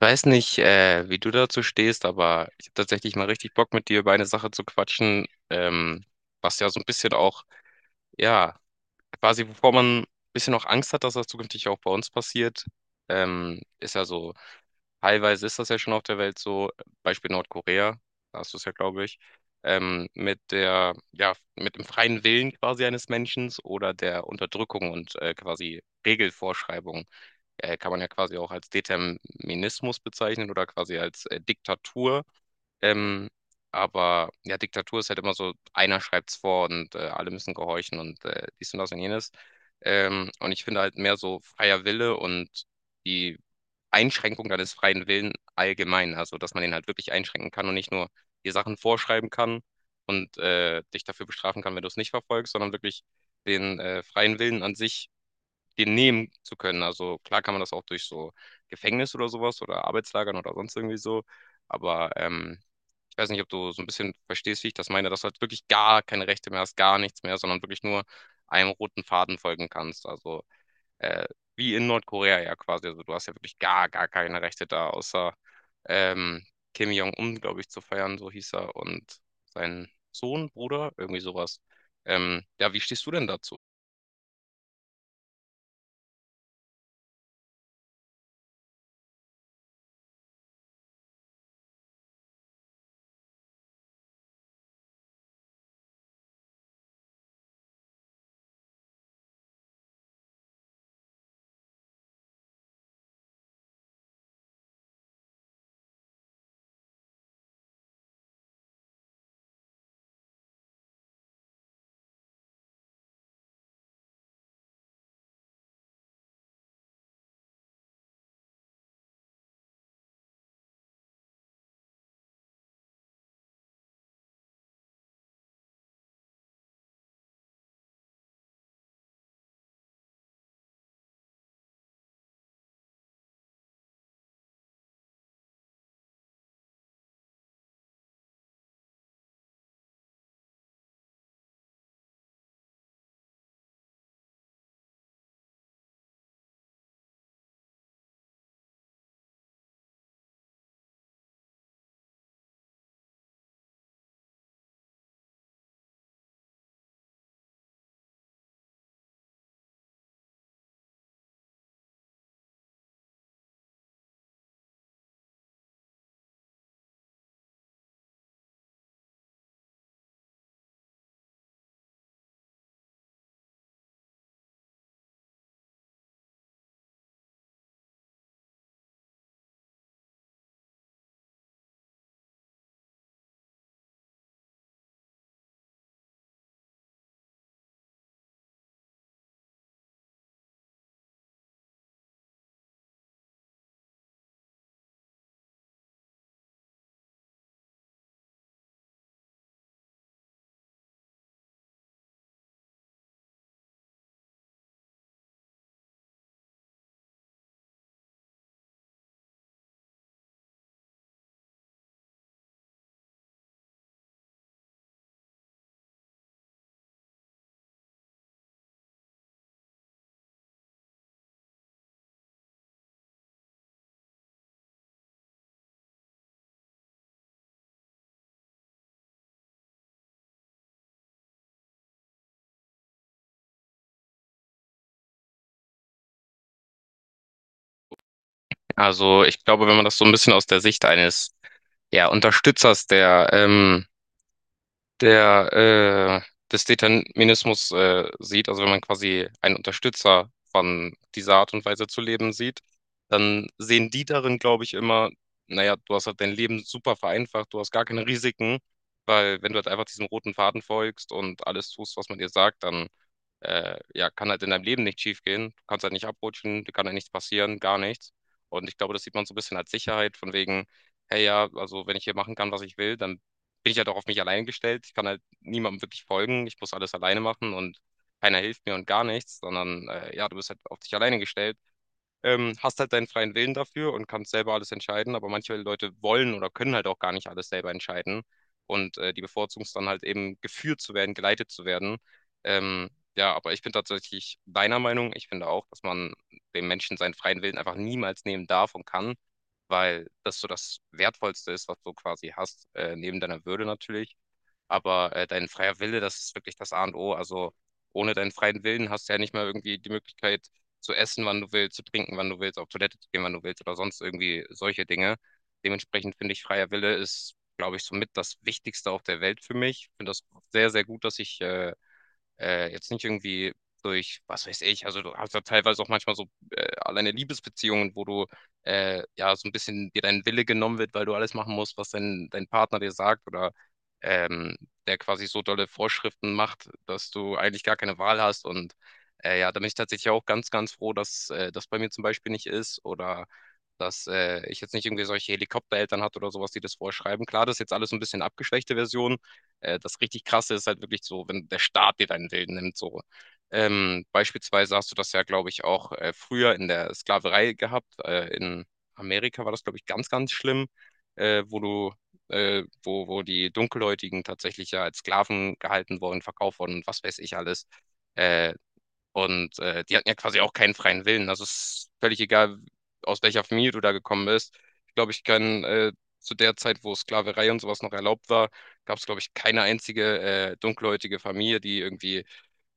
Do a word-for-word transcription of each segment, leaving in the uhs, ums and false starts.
Weiß nicht, äh, wie du dazu stehst, aber ich habe tatsächlich mal richtig Bock mit dir über eine Sache zu quatschen, ähm, was ja so ein bisschen auch, ja, quasi, wovor man ein bisschen auch Angst hat, dass das zukünftig auch bei uns passiert. Ähm, ist ja so, teilweise ist das ja schon auf der Welt so, Beispiel Nordkorea. Da hast du es ja, glaube ich, ähm, mit der, ja, mit dem freien Willen quasi eines Menschen oder der Unterdrückung und äh, quasi Regelvorschreibung. Äh, kann man ja quasi auch als Determinismus bezeichnen oder quasi als äh, Diktatur. Ähm, aber ja, Diktatur ist halt immer so, einer schreibt's vor und äh, alle müssen gehorchen und äh, dies und das und jenes. Ähm, und ich finde halt mehr so freier Wille und die Einschränkung deines freien Willen allgemein, also dass man den halt wirklich einschränken kann und nicht nur die Sachen vorschreiben kann und äh, dich dafür bestrafen kann, wenn du es nicht verfolgst, sondern wirklich den äh, freien Willen an sich den nehmen zu können. Also klar kann man das auch durch so Gefängnis oder sowas oder Arbeitslagern oder sonst irgendwie so. Aber ähm, ich weiß nicht, ob du so ein bisschen verstehst, wie ich das meine, dass du halt wirklich gar keine Rechte mehr hast, gar nichts mehr, sondern wirklich nur einem roten Faden folgen kannst. Also äh, wie in Nordkorea ja quasi. Also du hast ja wirklich gar, gar keine Rechte da, außer ähm, Kim Jong-un, glaube ich, zu feiern, so hieß er, und sein Sohn, Bruder, irgendwie sowas. Ähm, ja, wie stehst du denn dazu? Also ich glaube, wenn man das so ein bisschen aus der Sicht eines ja, Unterstützers der ähm, der, äh, des Determinismus, äh, sieht, also wenn man quasi einen Unterstützer von dieser Art und Weise zu leben sieht, dann sehen die darin, glaube ich, immer, naja, du hast halt dein Leben super vereinfacht, du hast gar keine Risiken, weil wenn du halt einfach diesem roten Faden folgst und alles tust, was man dir sagt, dann äh, ja, kann halt in deinem Leben nicht schief gehen. Du kannst halt nicht abrutschen, dir kann halt nichts passieren, gar nichts. Und ich glaube, das sieht man so ein bisschen als Sicherheit, von wegen, hey ja, also wenn ich hier machen kann, was ich will, dann bin ich halt auch auf mich allein gestellt. Ich kann halt niemandem wirklich folgen. Ich muss alles alleine machen und keiner hilft mir und gar nichts, sondern äh, ja, du bist halt auf dich alleine gestellt, ähm, hast halt deinen freien Willen dafür und kannst selber alles entscheiden, aber manche Leute wollen oder können halt auch gar nicht alles selber entscheiden und äh, die bevorzugen es dann halt eben geführt zu werden, geleitet zu werden. Ähm, ja, aber ich bin tatsächlich deiner Meinung, ich finde auch, dass man dem Menschen seinen freien Willen einfach niemals nehmen darf und kann, weil das so das Wertvollste ist, was du quasi hast, äh, neben deiner Würde natürlich. Aber äh, dein freier Wille, das ist wirklich das A und O. Also ohne deinen freien Willen hast du ja nicht mal irgendwie die Möglichkeit zu essen, wann du willst, zu trinken, wann du willst, auf Toilette zu gehen, wann du willst oder sonst irgendwie solche Dinge. Dementsprechend finde ich, freier Wille ist, glaube ich, somit das Wichtigste auf der Welt für mich. Ich finde das sehr, sehr gut, dass ich äh, äh, jetzt nicht irgendwie durch, was weiß ich, also du hast ja teilweise auch manchmal so äh, alleine Liebesbeziehungen, wo du äh, ja so ein bisschen dir dein Wille genommen wird, weil du alles machen musst, was dein, dein Partner dir sagt oder ähm, der quasi so dolle Vorschriften macht, dass du eigentlich gar keine Wahl hast und äh, ja, da bin ich tatsächlich auch ganz, ganz froh, dass äh, das bei mir zum Beispiel nicht ist oder dass äh, ich jetzt nicht irgendwie solche Helikoptereltern hatte oder sowas, die das vorschreiben. Klar, das ist jetzt alles so ein bisschen abgeschwächte Version. Äh, das richtig Krasse ist halt wirklich so, wenn der Staat dir deinen Willen nimmt, so. Ähm, beispielsweise hast du das ja, glaube ich, auch äh, früher in der Sklaverei gehabt. Äh, in Amerika war das, glaube ich, ganz, ganz schlimm, äh, wo du, äh, wo, wo die Dunkelhäutigen tatsächlich ja als Sklaven gehalten wurden, verkauft wurden und was weiß ich alles. Äh, und äh, die hatten ja quasi auch keinen freien Willen. Also es ist völlig egal, aus welcher Familie du da gekommen bist. Ich glaube, ich kann äh, zu der Zeit, wo Sklaverei und sowas noch erlaubt war, gab es, glaube ich, keine einzige äh, dunkelhäutige Familie, die irgendwie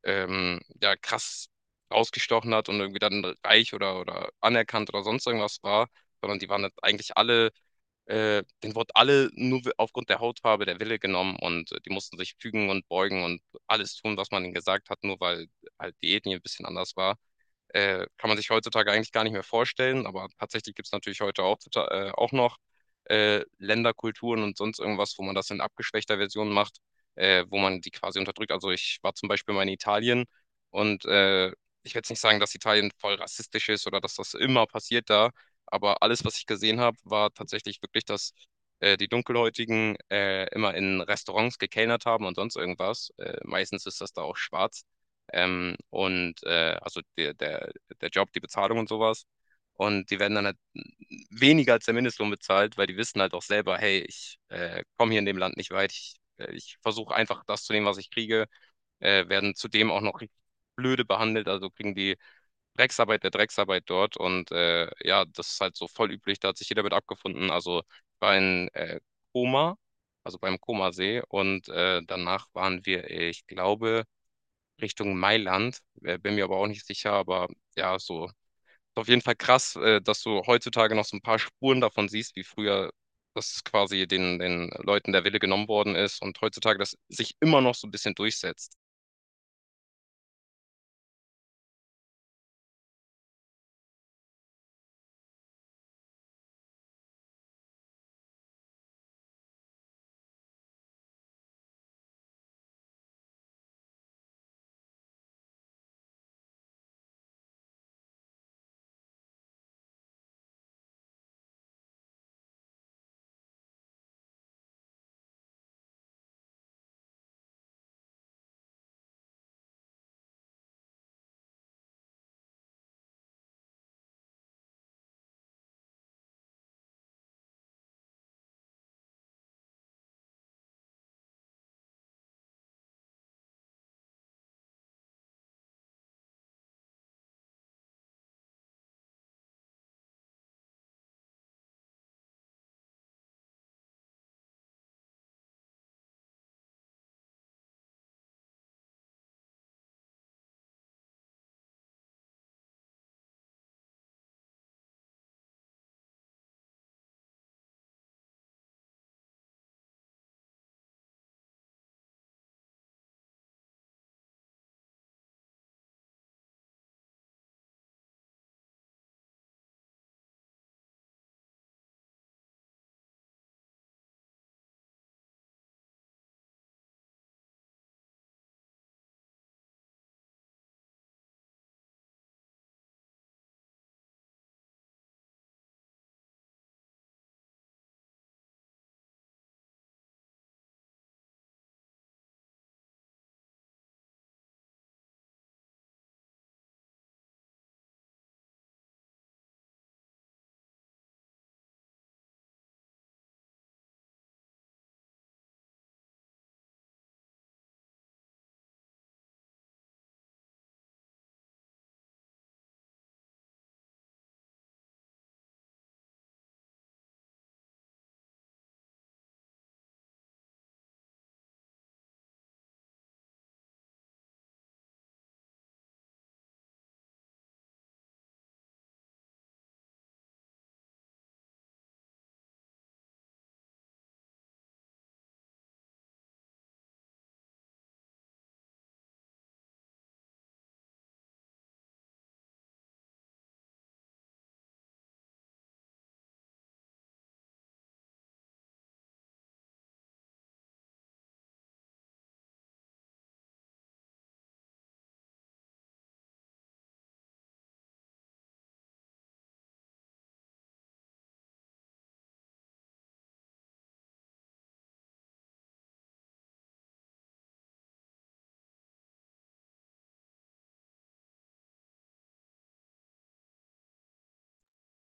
ähm, ja, krass ausgestochen hat und irgendwie dann reich oder, oder anerkannt oder sonst irgendwas war, sondern die waren jetzt eigentlich alle äh, denen wurden alle nur aufgrund der Hautfarbe der Wille genommen und äh, die mussten sich fügen und beugen und alles tun, was man ihnen gesagt hat, nur weil halt die Ethnie ein bisschen anders war. Äh, kann man sich heutzutage eigentlich gar nicht mehr vorstellen, aber tatsächlich gibt es natürlich heute auch, tota- äh, auch noch äh, Länderkulturen und sonst irgendwas, wo man das in abgeschwächter Version macht, äh, wo man die quasi unterdrückt. Also ich war zum Beispiel mal in Italien und äh, ich will jetzt nicht sagen, dass Italien voll rassistisch ist oder dass das immer passiert da, aber alles, was ich gesehen habe, war tatsächlich wirklich, dass äh, die Dunkelhäutigen äh, immer in Restaurants gekellnert haben und sonst irgendwas. Äh, meistens ist das da auch schwarz. Ähm, und äh, also der, der, der Job, die Bezahlung und sowas. Und die werden dann halt weniger als der Mindestlohn bezahlt, weil die wissen halt auch selber, hey, ich äh, komme hier in dem Land nicht weit. Ich, äh, ich versuche einfach das zu nehmen, was ich kriege. Äh, werden zudem auch noch richtig blöde behandelt, also kriegen die Drecksarbeit der Drecksarbeit dort. Und äh, ja, das ist halt so voll üblich, da hat sich jeder mit abgefunden. Also ich war in äh, Koma, also beim Komasee. Und äh, danach waren wir, ich glaube, Richtung Mailand. Äh, bin mir aber auch nicht sicher, aber ja, so. Ist auf jeden Fall krass, äh, dass du heutzutage noch so ein paar Spuren davon siehst, wie früher das quasi den, den Leuten der Wille genommen worden ist und heutzutage das sich immer noch so ein bisschen durchsetzt.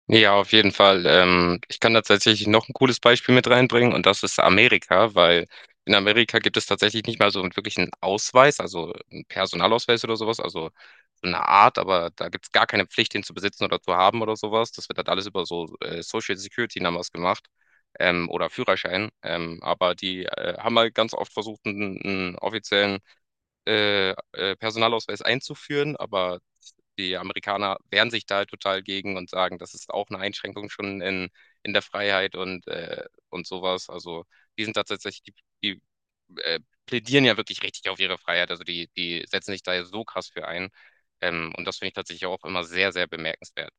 Ja, auf jeden Fall. Ähm, ich kann da tatsächlich noch ein cooles Beispiel mit reinbringen und das ist Amerika, weil in Amerika gibt es tatsächlich nicht mal so wirklich einen wirklichen Ausweis, also einen Personalausweis oder sowas, also so eine Art, aber da gibt es gar keine Pflicht, den zu besitzen oder zu haben oder sowas. Das wird halt alles über so äh, Social Security Numbers gemacht, ähm, oder Führerschein. Ähm, aber die äh, haben halt ganz oft versucht, einen, einen offiziellen äh, äh, Personalausweis einzuführen, aber die Amerikaner wehren sich da halt total gegen und sagen, das ist auch eine Einschränkung schon in, in der Freiheit und, äh, und sowas. Also die sind tatsächlich, die, die äh, plädieren ja wirklich richtig auf ihre Freiheit. Also die, die setzen sich da ja so krass für ein. Ähm, und das finde ich tatsächlich auch immer sehr, sehr bemerkenswert.